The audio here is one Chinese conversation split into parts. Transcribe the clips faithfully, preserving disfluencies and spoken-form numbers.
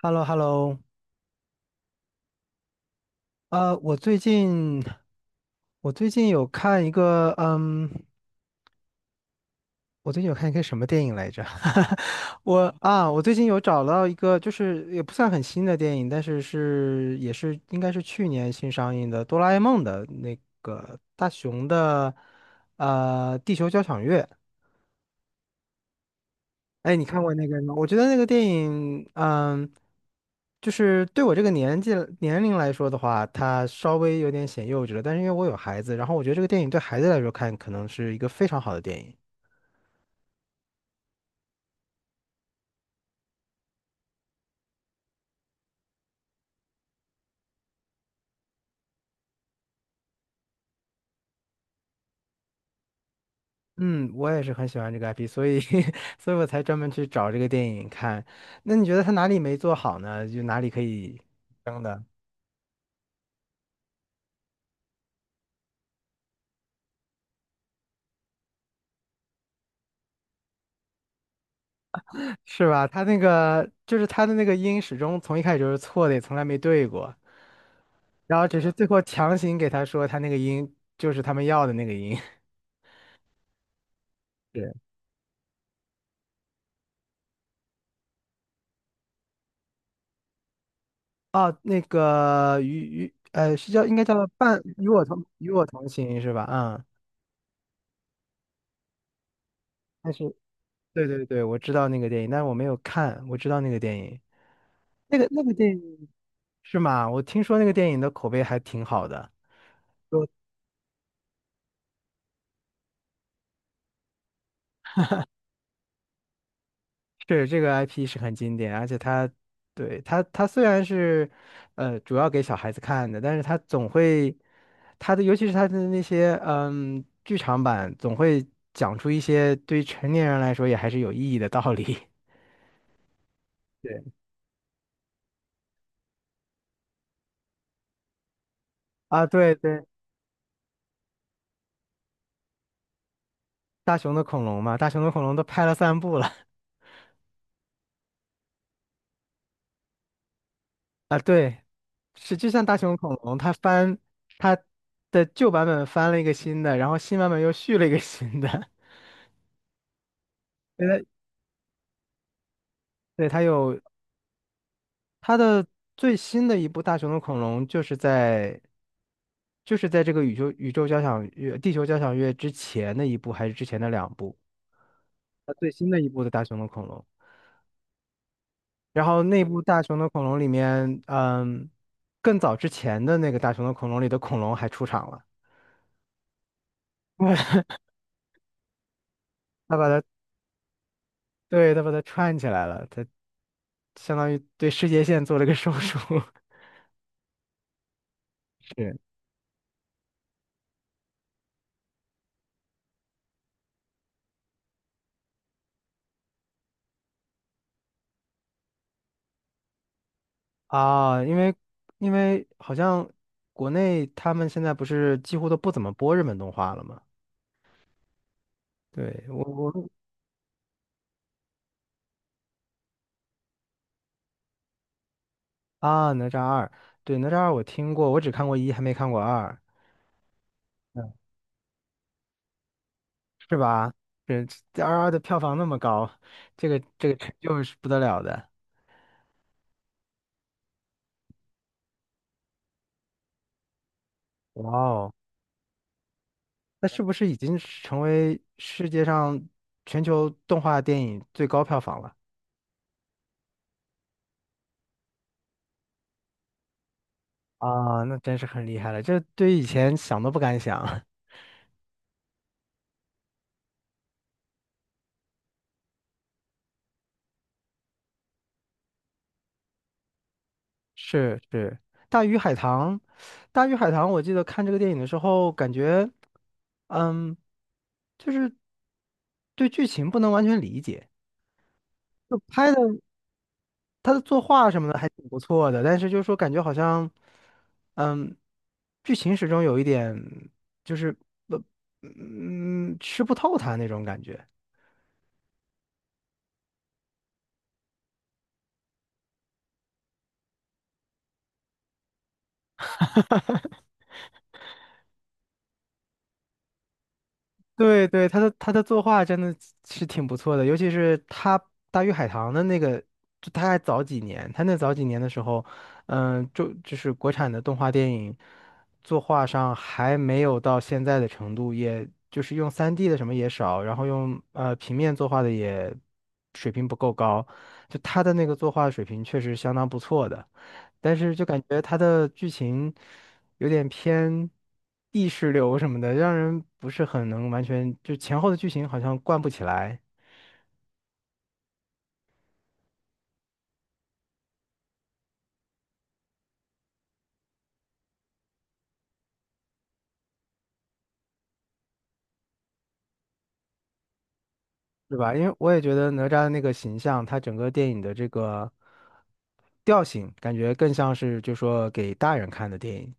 h e l l o h e l l o 呃，我最近我最近有看一个，嗯，我最近有看一个什么电影来着？我啊，我最近有找到一个，就是也不算很新的电影，但是是也是应该是去年新上映的《哆啦 A 梦》的那个大雄的，呃，地球交响乐。哎，你看过那个吗？我觉得那个电影，嗯，就是对我这个年纪年龄来说的话，它稍微有点显幼稚了。但是因为我有孩子，然后我觉得这个电影对孩子来说看，可能是一个非常好的电影。嗯，我也是很喜欢这个 I P,所以 所以我才专门去找这个电影看。那你觉得它哪里没做好呢？就哪里可以？的。是吧？他那个就是他的那个音始终从一开始就是错的，也从来没对过，然后只是最后强行给他说他那个音就是他们要的那个音。对，哦，那个与与呃是叫应该叫伴与我同与我同行是吧？嗯，但是对对对，我知道那个电影，但是我没有看，我知道那个电影，那个那个电影是吗？我听说那个电影的口碑还挺好的。是这个 I P 是很经典，而且它，对，它，它虽然是，呃，主要给小孩子看的，但是它总会，它的尤其是它的那些，嗯，剧场版总会讲出一些对于成年人来说也还是有意义的道理。 对，啊。对对，大雄的恐龙嘛，大雄的恐龙都拍了三部了。 啊。对，是就像大雄恐龙，它翻它的旧版本翻了一个新的，然后新版本又续了一个新的。对，它对，它有它的最新的一部《大雄的恐龙》就是在就是在这个宇宙宇宙交响乐、地球交响乐之前的一部，还是之前的两部？它最新的一部的《大雄的恐龙》，然后那部《大雄的恐龙》里面，嗯，更早之前的那个《大雄的恐龙》里的恐龙还出场了。他把它对他把它串起来了，他相当于对世界线做了个手术。是啊，因为因为好像国内他们现在不是几乎都不怎么播日本动画了吗？对，我啊，哪吒二，对，哪吒二我听过，我只看过一，还没看过二，嗯，是吧？这这二二的票房那么高，这个这个成就是不得了的。哇哦，那是不是已经是成为世界上全球动画电影最高票房了？啊，那真是很厉害了，这对以前想都不敢想。是是，《大鱼海棠》，《大鱼海棠》，我记得看这个电影的时候，感觉，嗯，就是对剧情不能完全理解，就拍的他的作画什么的还挺不错的，但是就是说感觉好像，嗯，剧情始终有一点就是不，嗯，吃不透它那种感觉。对对，他的他的作画真的是挺不错的，尤其是他《大鱼海棠》的那个，就他还早几年，他那早几年的时候，嗯、就就是国产的动画电影作画上还没有到现在的程度，也就是用三 d 的什么也少，然后用呃平面作画的也水平不够高，就他的那个作画水平确实相当不错的，但是就感觉他的剧情。有点偏意识流什么的，让人不是很能完全就前后的剧情好像贯不起来，对吧？因为我也觉得哪吒的那个形象，他整个电影的这个调性，感觉更像是就说给大人看的电影。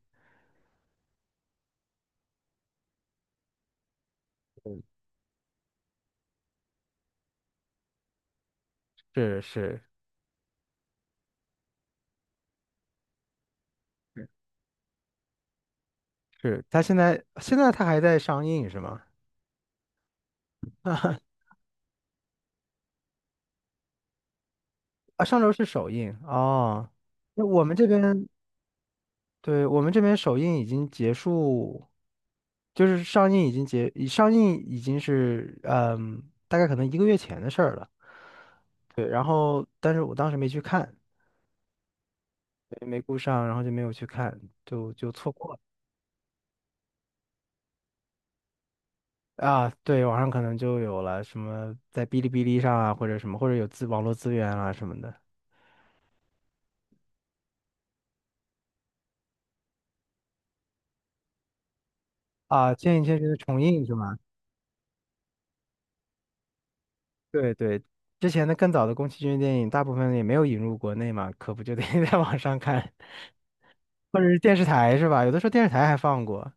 是是是，他现在现在他还在上映是吗？啊，上周是首映哦。那我们这边。对，我们这边首映已经结束，就是上映已经结，已上映已经是嗯，大概可能一个月前的事儿了。对，然后但是我当时没去看，对没顾上，然后就没有去看，就就错过了。啊。对，网上可能就有了什么在哔哩哔哩上啊，或者什么，或者有资网络资源啊什么的。啊。《千与千寻》的重映是吗？对对，之前的更早的宫崎骏电影，大部分也没有引入国内嘛，可不就得 在网上看。或者是电视台是吧？有的时候电视台还放过。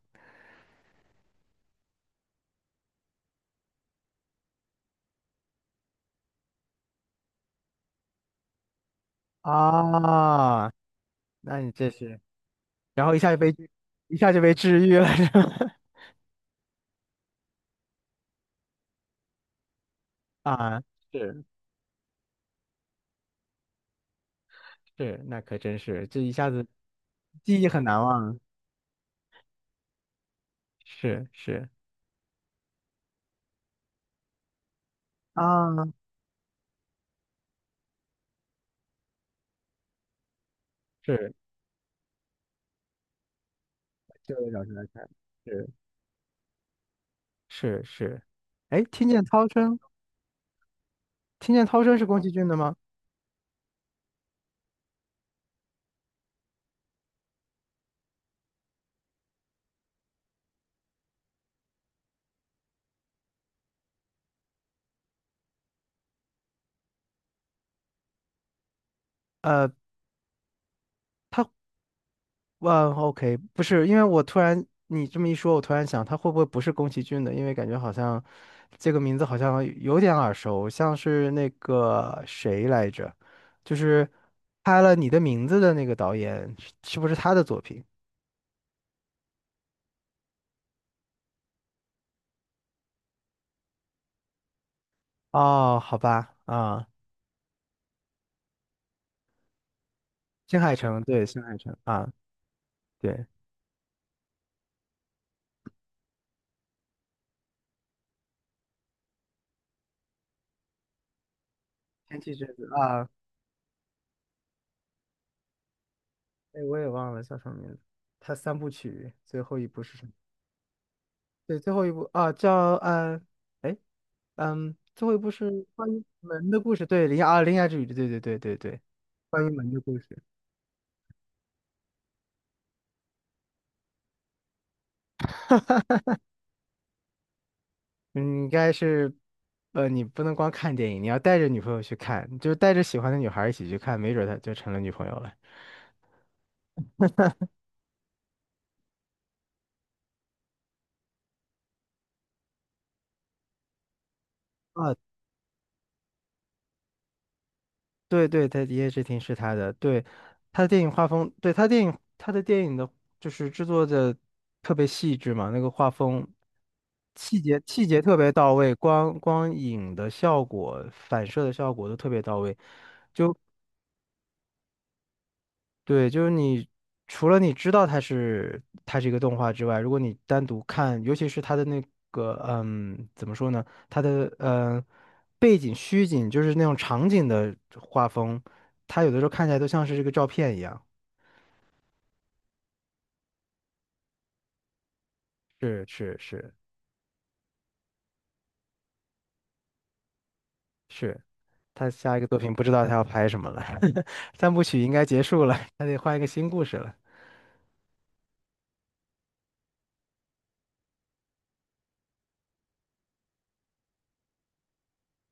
啊，那你这是，然后一下就被一下就被治愈了 是吧？啊，是是，那可真是，这一下子记忆很难忘，是是啊，是，这位老师来看，是是是，哎，听见涛声，听见涛声是宫崎骏的吗？呃，他。万 OK，不是，因为我突然你这么一说，我突然想，他会不会不是宫崎骏的？因为感觉好像这个名字好像有点耳熟，像是那个谁来着，就是拍了《你的名字》的那个导演，是是不是他的作品？哦，好吧，啊，新海诚，对，新海诚啊，对，天气之子啊，哎，我也忘了叫什么名字，他三部曲最后一部是什么？对，最后一部啊，叫呃，哎。嗯，最后一部是关于门的故事，对，铃芽啊，铃芽之旅，对对对对对，关于门的故事。嗯，应该是，呃，你不能光看电影，你要带着女朋友去看，就是带着喜欢的女孩儿一起去看，没准儿她就成了女朋友了。啊，对对，他《一夜之庭》是他的，对，他的电影画风，对，他电影他的电影的，就是制作的特别细致嘛，那个画风细节细节特别到位，光光影的效果、反射的效果都特别到位。对，就是你除了你知道它是它是一个动画之外，如果你单独看，尤其是它的那个嗯，怎么说呢？它的嗯背景虚景，就是那种场景的画风，它有的时候看起来都像是这个照片一样。是是是是，他下一个作品不知道他要拍什么了，三部曲应该结束了，他得换一个新故事了。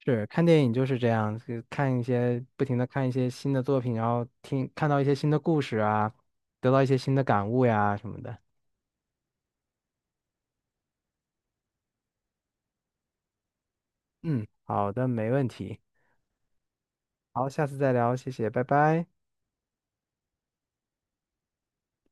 是看电影就是这样，就看一些不停的看一些新的作品，然后听看到一些新的故事啊，得到一些新的感悟呀什么的。嗯，好的，没问题。好，下次再聊，谢谢，拜拜。